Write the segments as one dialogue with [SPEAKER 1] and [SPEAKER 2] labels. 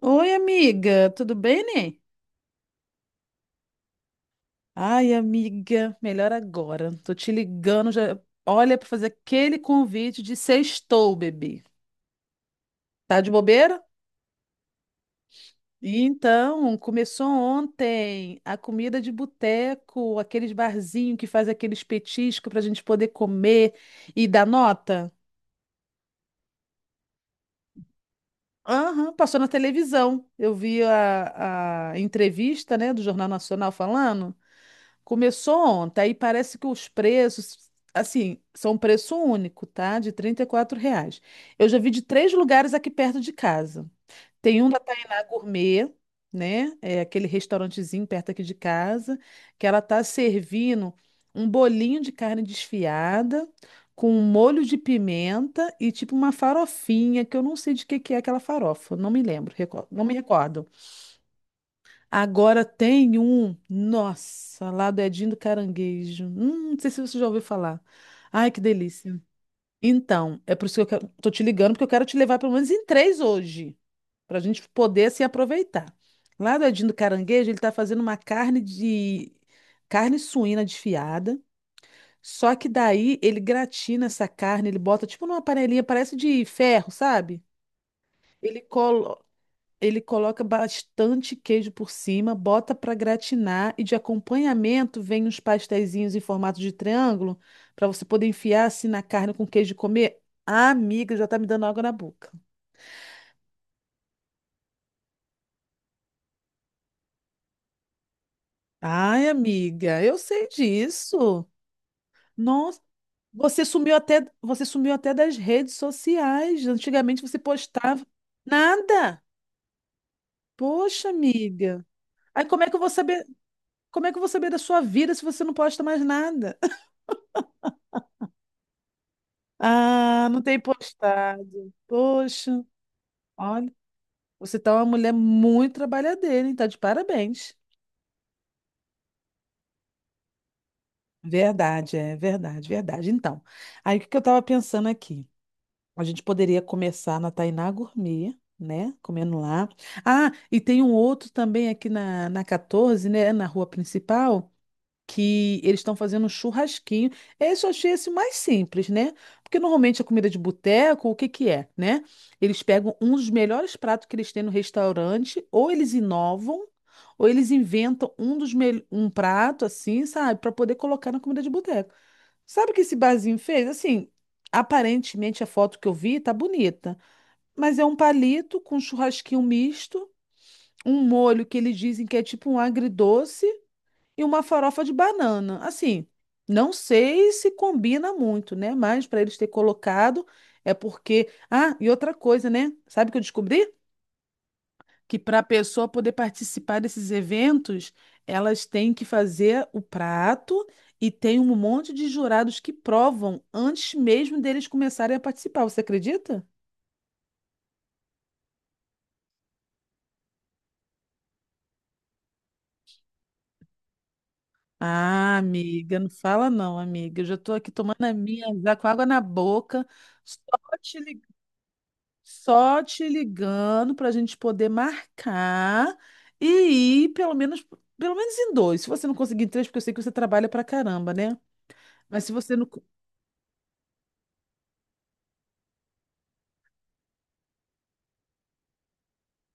[SPEAKER 1] Oi, amiga, tudo bem, né? Ai, amiga, melhor agora. Tô te ligando já. Olha, para fazer aquele convite de sextou, bebê. Tá de bobeira? Então, começou ontem a comida de boteco, aqueles barzinho que faz aqueles petiscos para a gente poder comer e dar nota. Aham, passou na televisão. Eu vi a entrevista, né, do Jornal Nacional falando. Começou ontem, aí parece que os preços, assim, são um preço único, tá? De 34 reais. Eu já vi de três lugares aqui perto de casa. Tem um da Tainá Gourmet, né? É aquele restaurantezinho perto aqui de casa, que ela tá servindo um bolinho de carne desfiada com um molho de pimenta e tipo uma farofinha, que eu não sei de que é aquela farofa, não me lembro, não me recordo. Agora tem um, nossa, lá do Edinho do Caranguejo. Não sei se você já ouviu falar. Ai, que delícia. Então, é por isso que eu quero, tô te ligando, porque eu quero te levar pelo menos em três hoje, para a gente poder assim aproveitar. Lá do Edinho do Caranguejo, ele tá fazendo uma carne suína desfiada. Só que daí ele gratina essa carne, ele bota tipo numa panelinha, parece de ferro, sabe? Ele colo... Ele coloca bastante queijo por cima, bota para gratinar e de acompanhamento vem uns pasteizinhos em formato de triângulo para você poder enfiar assim na carne com queijo e comer. Ah, amiga, já tá me dando água na boca. Ai, amiga, eu sei disso. Nossa, você sumiu até das redes sociais. Antigamente você postava nada. Poxa, amiga. Aí como é que eu vou saber, como é que eu vou saber da sua vida se você não posta mais nada? Ah, não tem postado. Poxa, olha, você tá uma mulher muito trabalhadeira, hein? Tá de parabéns. Verdade. Então, aí o que que eu estava pensando aqui? A gente poderia começar na Tainá Gourmet, né? Comendo lá. Ah, e tem um outro também aqui na 14, né? Na rua principal. Que eles estão fazendo um churrasquinho. Esse eu achei esse mais simples, né? Porque normalmente a comida de boteco, o que que é, né? Eles pegam um dos melhores pratos que eles têm no restaurante, ou eles inovam, ou eles inventam um prato assim, sabe, para poder colocar na comida de boteco. Sabe o que esse barzinho fez? Assim, aparentemente a foto que eu vi tá bonita, mas é um palito com um churrasquinho misto, um molho que eles dizem que é tipo um agridoce e uma farofa de banana. Assim, não sei se combina muito, né? Mas para eles ter colocado é porque. Ah, e outra coisa, né? Sabe o que eu descobri? Que para a pessoa poder participar desses eventos, elas têm que fazer o prato e tem um monte de jurados que provam antes mesmo deles começarem a participar. Você acredita? Ah, amiga, não fala não, amiga. Eu já estou aqui tomando a minha já com água na boca. Só te Só te ligando para a gente poder marcar e ir pelo menos em dois. Se você não conseguir em três, porque eu sei que você trabalha pra caramba, né? Mas se você não. co-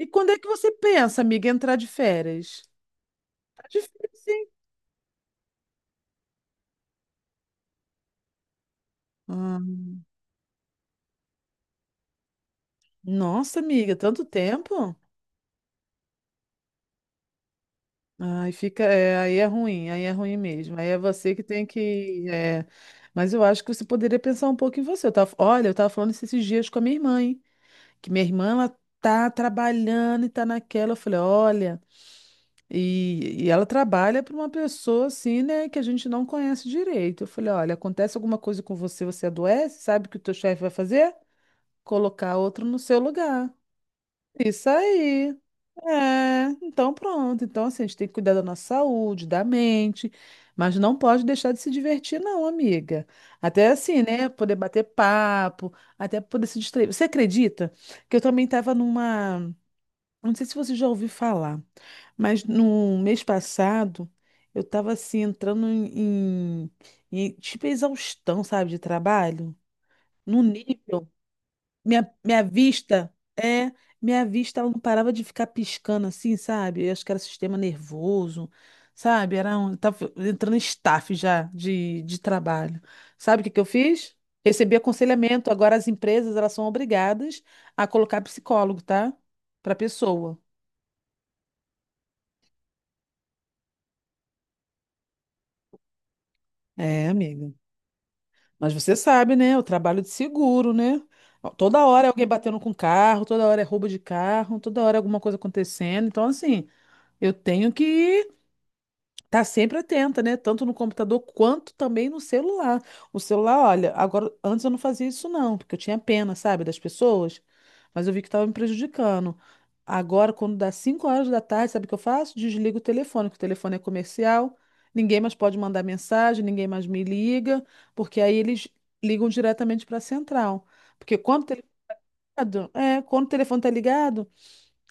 [SPEAKER 1] E quando é que você pensa, amiga, em entrar de férias? Tá difícil, hein? Ah, nossa, amiga, tanto tempo? Ai, fica. É, aí é ruim mesmo. Aí é você que tem que. É. Mas eu acho que você poderia pensar um pouco em você. Eu tava falando isso esses dias com a minha irmã, hein? Que minha irmã ela tá trabalhando e tá naquela. Eu falei, olha, e ela trabalha para uma pessoa assim, né, que a gente não conhece direito. Eu falei, olha, acontece alguma coisa com você, você adoece, sabe o que o teu chefe vai fazer? Colocar outro no seu lugar. Isso aí. É, então pronto. Então, assim, a gente tem que cuidar da nossa saúde, da mente, mas não pode deixar de se divertir, não, amiga. Até assim, né? Poder bater papo, até poder se distrair. Você acredita que eu também estava numa. Não sei se você já ouviu falar, mas no mês passado eu estava assim em, tipo exaustão, sabe, de trabalho, num nível. Minha, minha vista, é, minha vista ela não parava de ficar piscando assim, sabe? Eu acho que era sistema nervoso, sabe? Era um, tava entrando em staff já de trabalho. Sabe o que que eu fiz? Recebi aconselhamento. Agora as empresas elas são obrigadas a colocar psicólogo, tá? Para pessoa. É, amiga. Mas você sabe, né? O trabalho de seguro, né? Toda hora é alguém batendo com carro, toda hora é roubo de carro, toda hora é alguma coisa acontecendo. Então, assim, eu tenho que tá sempre atenta, né? Tanto no computador quanto também no celular. O celular, olha, agora antes eu não fazia isso não, porque eu tinha pena, sabe, das pessoas, mas eu vi que estava me prejudicando. Agora, quando dá 5 horas da tarde, sabe o que eu faço? Desligo o telefone, que o telefone é comercial, ninguém mais pode mandar mensagem, ninguém mais me liga, porque aí eles ligam diretamente para a central. Porque quando o telefone, é, quando o telefone tá ligado,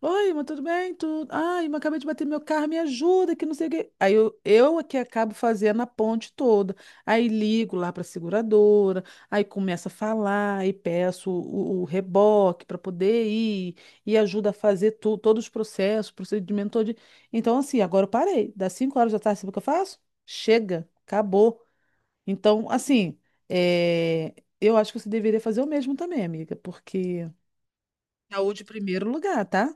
[SPEAKER 1] oi, mas tudo bem? Tudo. Ai, mas acabei de bater meu carro, me ajuda, que não sei o quê. Aí eu é que acabo fazendo a ponte toda. Aí ligo lá para a seguradora, aí começo a falar, aí peço o reboque para poder ir, e ajuda a fazer todos os processos, procedimento todo. Então, assim, agora eu parei. Das 5 horas da tarde, sabe o que eu faço? Chega, acabou. Então, assim, é, eu acho que você deveria fazer o mesmo também, amiga, porque saúde em primeiro lugar, tá?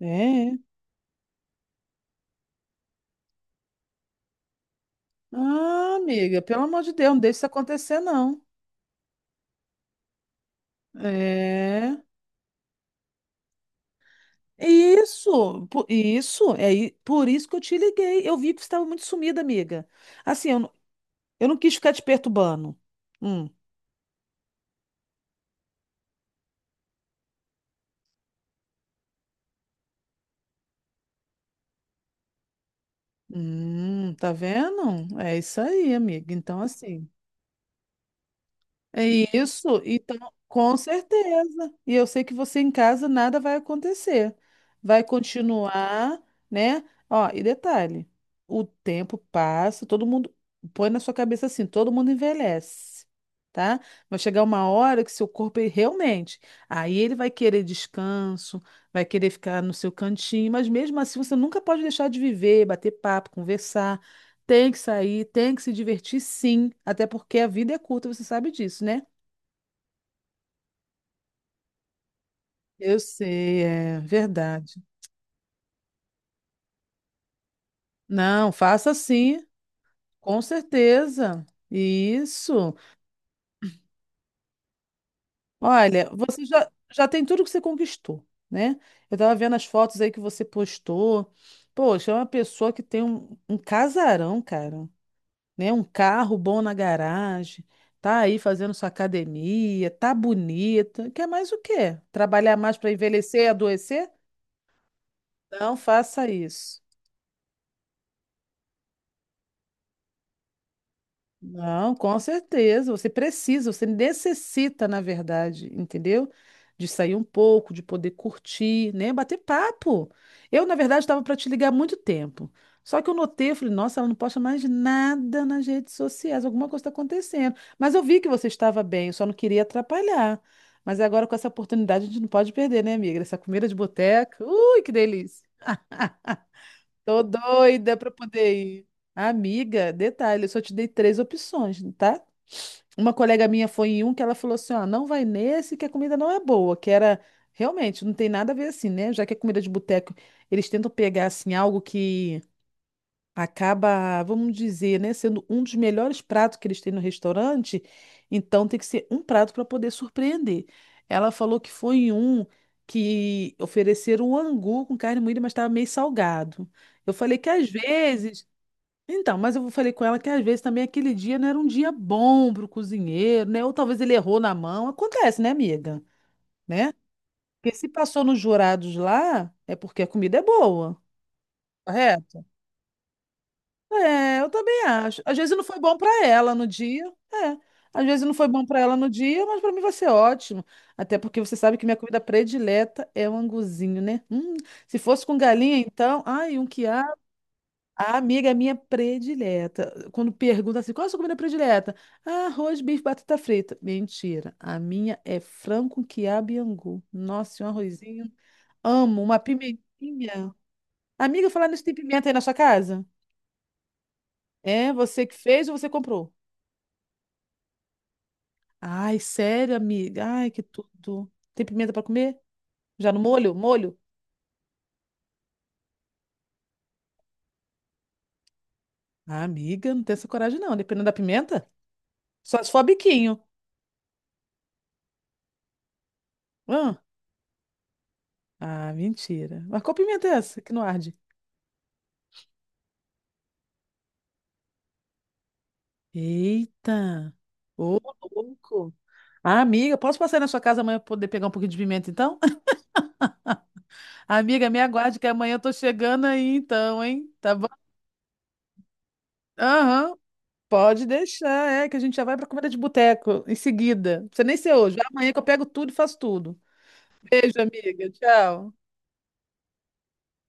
[SPEAKER 1] É. Ah, amiga, pelo amor de Deus, não deixa isso acontecer, não. É. Por isso que eu te liguei. Eu vi que você estava muito sumida, amiga. Assim, eu, não- eu não quis ficar te perturbando. Hum. Tá vendo? É isso aí, amiga. Então, assim. É isso, então, com certeza. E eu sei que você em casa nada vai acontecer. Vai continuar, né? Ó, e detalhe, o tempo passa, todo mundo põe na sua cabeça assim, todo mundo envelhece, tá? Vai chegar uma hora que seu corpo ele realmente, aí ele vai querer descanso, vai querer ficar no seu cantinho, mas mesmo assim você nunca pode deixar de viver, bater papo, conversar, tem que sair, tem que se divertir sim, até porque a vida é curta, você sabe disso, né? Eu sei, é verdade. Não, faça sim, com certeza. Isso. Olha, já tem tudo que você conquistou, né? Eu tava vendo as fotos aí que você postou. Poxa, é uma pessoa que tem um casarão, cara, né? Um carro bom na garagem, tá aí fazendo sua academia, tá bonita. Quer mais o quê? Trabalhar mais para envelhecer e adoecer? Não faça isso. Não, com certeza. Você precisa, você necessita, na verdade, entendeu? De sair um pouco, de poder curtir, né? Bater papo. Eu, na verdade, estava para te ligar há muito tempo. Só que eu notei, eu falei, nossa, ela não posta mais nada nas redes sociais, alguma coisa está acontecendo. Mas eu vi que você estava bem, eu só não queria atrapalhar. Mas agora, com essa oportunidade, a gente não pode perder, né, amiga? Essa comida de boteca. Ui, que delícia! Tô doida pra poder ir. Amiga, detalhe, eu só te dei três opções, tá? Uma colega minha foi em um que ela falou assim, ó, não vai nesse que a comida não é boa, que era realmente não tem nada a ver assim, né? Já que é comida de boteco, eles tentam pegar assim algo que acaba, vamos dizer, né, sendo um dos melhores pratos que eles têm no restaurante, então tem que ser um prato para poder surpreender. Ela falou que foi em um que ofereceram um angu com carne moída, mas estava meio salgado. Eu falei que às vezes, então, mas eu falei com ela que às vezes também aquele dia não era um dia bom para o cozinheiro, né? Ou talvez ele errou na mão. Acontece, né, amiga? Né? Porque se passou nos jurados lá, é porque a comida é boa, correto? É, eu também acho. Às vezes não foi bom para ela no dia. É. Às vezes não foi bom para ela no dia, mas para mim vai ser ótimo. Até porque você sabe que minha comida predileta é o anguzinho, né? Se fosse com galinha, então, ai, um quiabo. A amiga minha predileta. Quando pergunta assim, qual é a sua comida predileta? Ah, arroz, bife, batata frita. Mentira. A minha é frango com quiabo e angu. Nossa, e um arrozinho. Amo uma pimentinha. Amiga, falar nisso, tem pimenta aí na sua casa? É, você que fez ou você comprou? Ai, sério, amiga? Ai, que tudo. Tem pimenta pra comer? Já no molho? Molho? Ah, amiga, não tem essa coragem não, dependendo da pimenta. Só se for biquinho. Hã? Ah, mentira. Mas qual pimenta é essa que não arde? Eita! Ô, louco! Ah, amiga, posso passar aí na sua casa amanhã pra poder pegar um pouquinho de pimenta, então? Amiga, me aguarde que amanhã eu tô chegando aí, então, hein? Tá bom? Aham, pode deixar, é que a gente já vai pra comida de boteco em seguida. Não precisa nem ser hoje, vai amanhã que eu pego tudo e faço tudo. Beijo, amiga. Tchau.